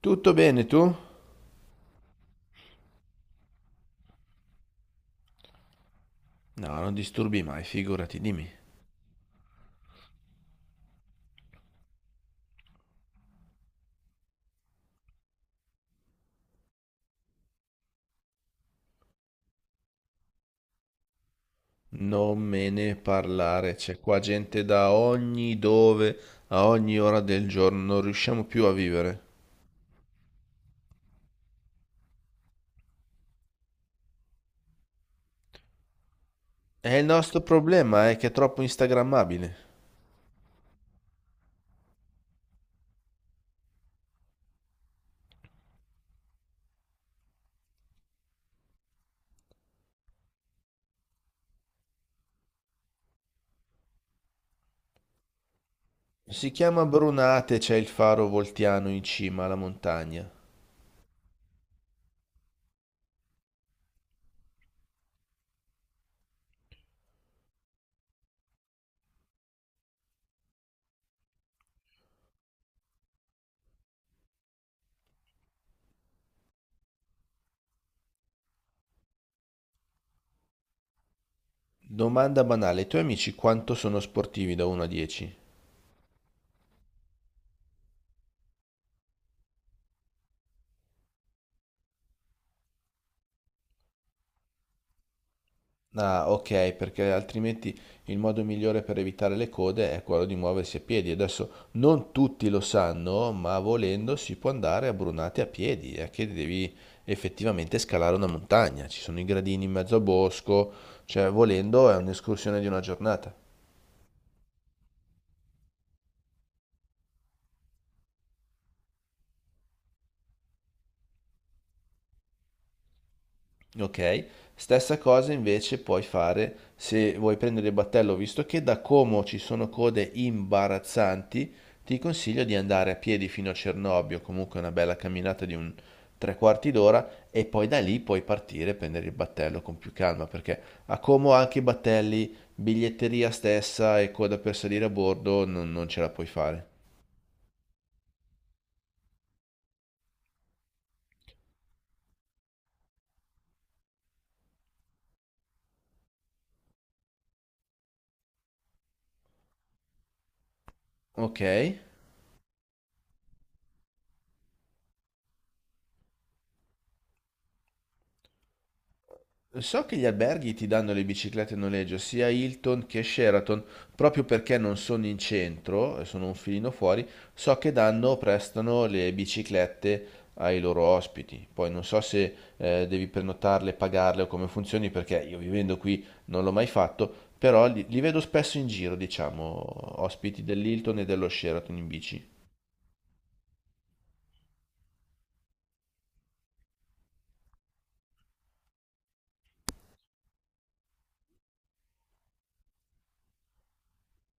Tutto bene tu? No, non disturbi mai, figurati, dimmi. Non me ne parlare, c'è qua gente da ogni dove, a ogni ora del giorno, non riusciamo più a vivere. E il nostro problema è che è troppo instagrammabile. Si chiama Brunate, c'è il faro voltiano in cima alla montagna. Domanda banale, i tuoi amici quanto sono sportivi da 1 a 10? Ah, ok, perché altrimenti il modo migliore per evitare le code è quello di muoversi a piedi. Adesso non tutti lo sanno, ma volendo si può andare a Brunate a piedi, è che devi effettivamente scalare una montagna. Ci sono i gradini in mezzo a bosco, cioè volendo è un'escursione di una giornata. Ok, stessa cosa invece puoi fare se vuoi prendere il battello, visto che da Como ci sono code imbarazzanti, ti consiglio di andare a piedi fino a Cernobbio, comunque una bella camminata di un tre quarti d'ora e poi da lì puoi partire e prendere il battello con più calma, perché a Como anche i battelli, biglietteria stessa e coda per salire a bordo non ce la puoi fare. Ok? So che gli alberghi ti danno le biciclette a noleggio, sia Hilton che Sheraton, proprio perché non sono in centro, e sono un filino fuori, so che danno, prestano le biciclette ai loro ospiti. Poi non so se devi prenotarle, pagarle o come funzioni, perché io vivendo qui non l'ho mai fatto, però li vedo spesso in giro, diciamo, ospiti dell'Hilton e dello Sheraton in bici.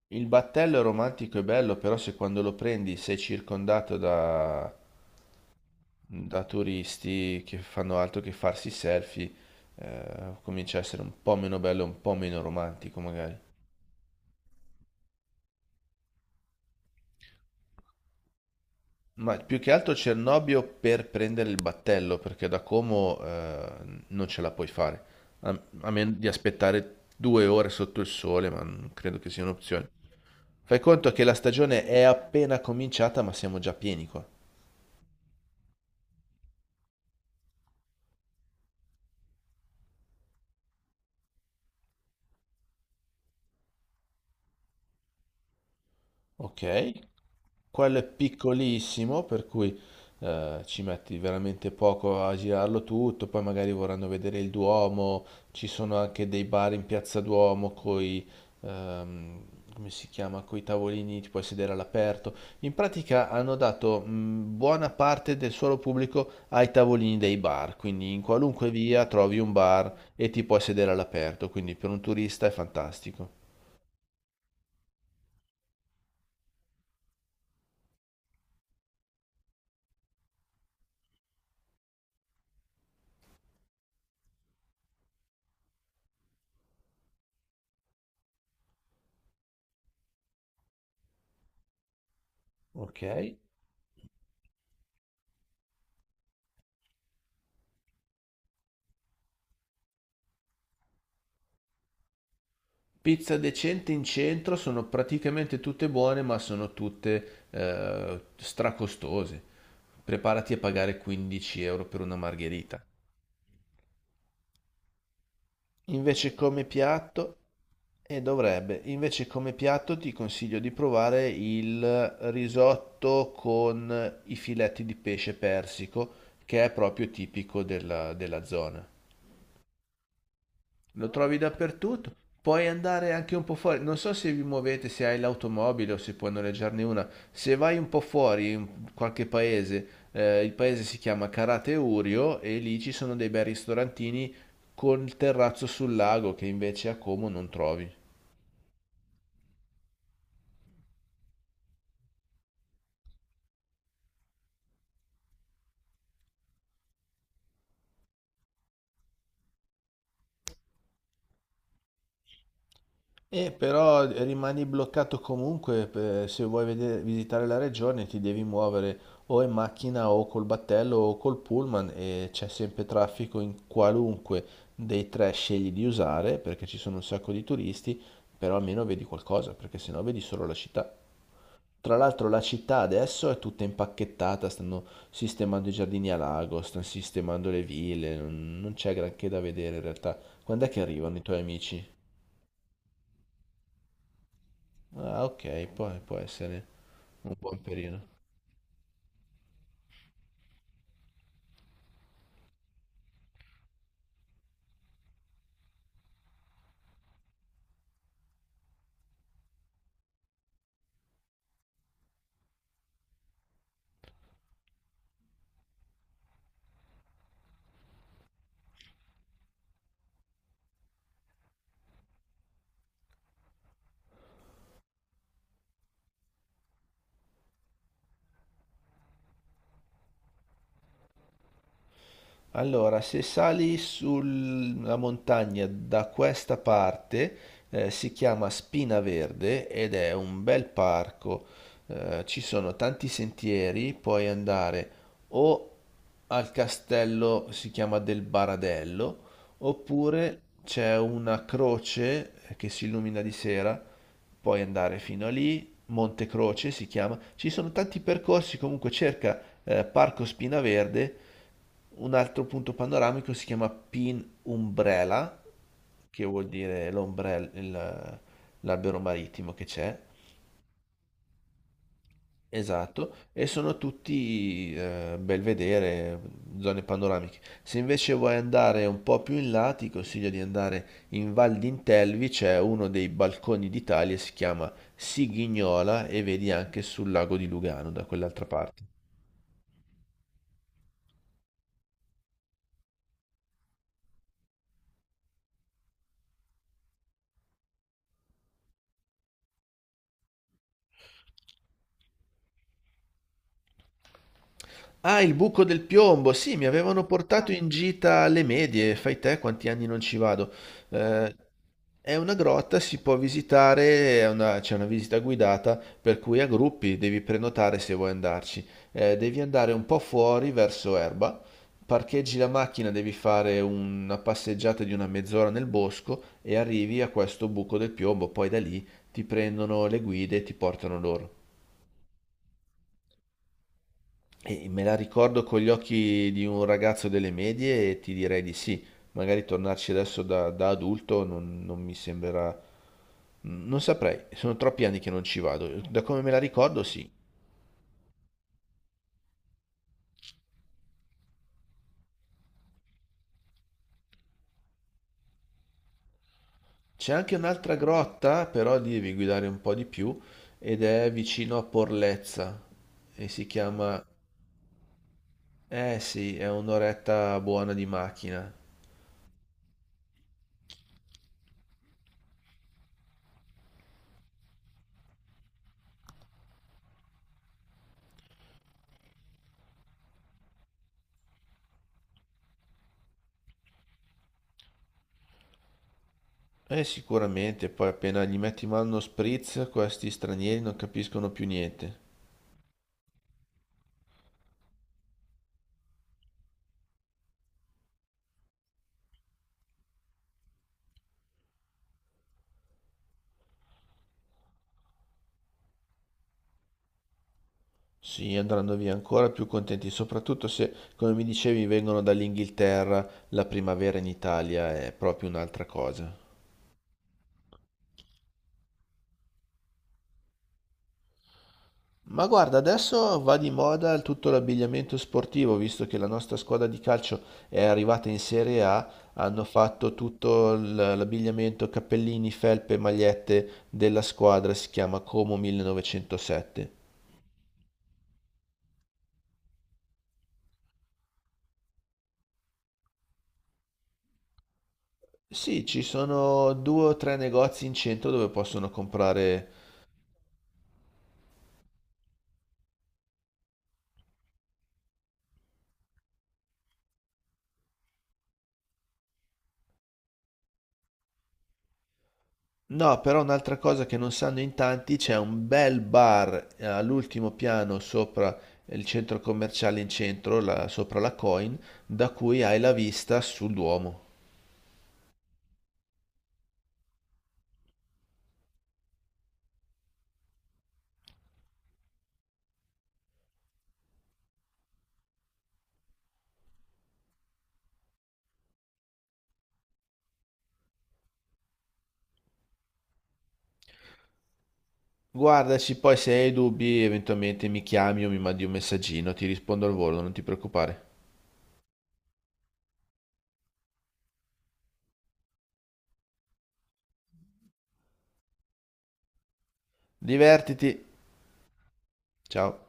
Il battello è romantico e bello, però se quando lo prendi sei circondato da turisti che fanno altro che farsi selfie, comincia a essere un po' meno bello, un po' meno romantico magari. Ma più che altro Cernobbio per prendere il battello, perché da Como non ce la puoi fare. A meno di aspettare due ore sotto il sole, ma non credo che sia un'opzione. Fai conto che la stagione è appena cominciata, ma siamo già pieni qua. Ok, quello è piccolissimo, per cui ci metti veramente poco a girarlo tutto, poi magari vorranno vedere il Duomo, ci sono anche dei bar in Piazza Duomo coi, ehm, come si chiama, coi tavolini, ti puoi sedere all'aperto. In pratica hanno dato buona parte del suolo pubblico ai tavolini dei bar, quindi in qualunque via trovi un bar e ti puoi sedere all'aperto, quindi per un turista è fantastico. Ok. Pizza decente in centro sono praticamente tutte buone, ma sono tutte stracostose. Preparati a pagare 15 euro per una margherita. Invece come piatto, Invece come piatto ti consiglio di provare il risotto con i filetti di pesce persico, che è proprio tipico della zona. Lo trovi dappertutto. Puoi andare anche un po' fuori. Non so se vi muovete, se hai l'automobile o se puoi noleggiarne una. Se vai un po' fuori in qualche paese, il paese si chiama Karate Urio e lì ci sono dei bei ristorantini col terrazzo sul lago che invece a Como non trovi. E però rimani bloccato comunque, se vuoi visitare la regione ti devi muovere o in macchina o col battello o col pullman e c'è sempre traffico in qualunque dei tre scegli di usare perché ci sono un sacco di turisti, però almeno vedi qualcosa perché sennò vedi solo la città. Tra l'altro la città adesso è tutta impacchettata, stanno sistemando i giardini a lago, stanno sistemando le ville, non c'è granché da vedere in realtà. Quando è che arrivano i tuoi amici? Ah, ok, può essere un buon periodo. Allora, se sali sulla montagna da questa parte, si chiama Spina Verde ed è un bel parco. Ci sono tanti sentieri, puoi andare o al castello, si chiama del Baradello, oppure c'è una croce che si illumina di sera, puoi andare fino a lì Montecroce si chiama, ci sono tanti percorsi, comunque cerca Parco Spinaverde, un altro punto panoramico si chiama Pin Umbrella, che vuol dire l'ombrello, l'albero marittimo che c'è, Esatto, e sono tutti bel vedere, zone panoramiche. Se invece vuoi andare un po' più in là, ti consiglio di andare in Val d'Intelvi, c'è uno dei balconi d'Italia, si chiama Sigignola e vedi anche sul lago di Lugano da quell'altra parte. Ah, il buco del piombo. Sì, mi avevano portato in gita alle medie. Fai te quanti anni non ci vado. Eh, è una grotta, si può visitare, c'è una visita guidata, per cui a gruppi devi prenotare se vuoi andarci. Devi andare un po' fuori verso Erba. Parcheggi la macchina, devi fare una passeggiata di una mezz'ora nel bosco e arrivi a questo buco del piombo. Poi da lì ti prendono le guide e ti portano loro. E me la ricordo con gli occhi di un ragazzo delle medie e ti direi di sì. Magari tornarci adesso da adulto non mi sembrerà... Non saprei, sono troppi anni che non ci vado. Da come me la ricordo, sì. C'è anche un'altra grotta, però lì devi guidare un po' di più, ed è vicino a Porlezza. E si chiama... Eh sì, è un'oretta buona di macchina. Sicuramente, poi appena gli metti in mano uno spritz, questi stranieri non capiscono più niente. Sì, andranno via ancora più contenti, soprattutto se, come mi dicevi, vengono dall'Inghilterra, la primavera in Italia è proprio un'altra cosa. Ma guarda, adesso va di moda tutto l'abbigliamento sportivo, visto che la nostra squadra di calcio è arrivata in Serie A, hanno fatto tutto l'abbigliamento, cappellini, felpe, magliette della squadra, si chiama Como 1907. Sì, ci sono due o tre negozi in centro dove possono comprare. No, però un'altra cosa che non sanno in tanti, c'è un bel bar all'ultimo piano sopra il centro commerciale in centro, sopra la Coin, da cui hai la vista sul Duomo. Guardaci, poi se hai dubbi eventualmente mi chiami o mi mandi un messaggino, ti rispondo al volo, non ti preoccupare. Divertiti, ciao.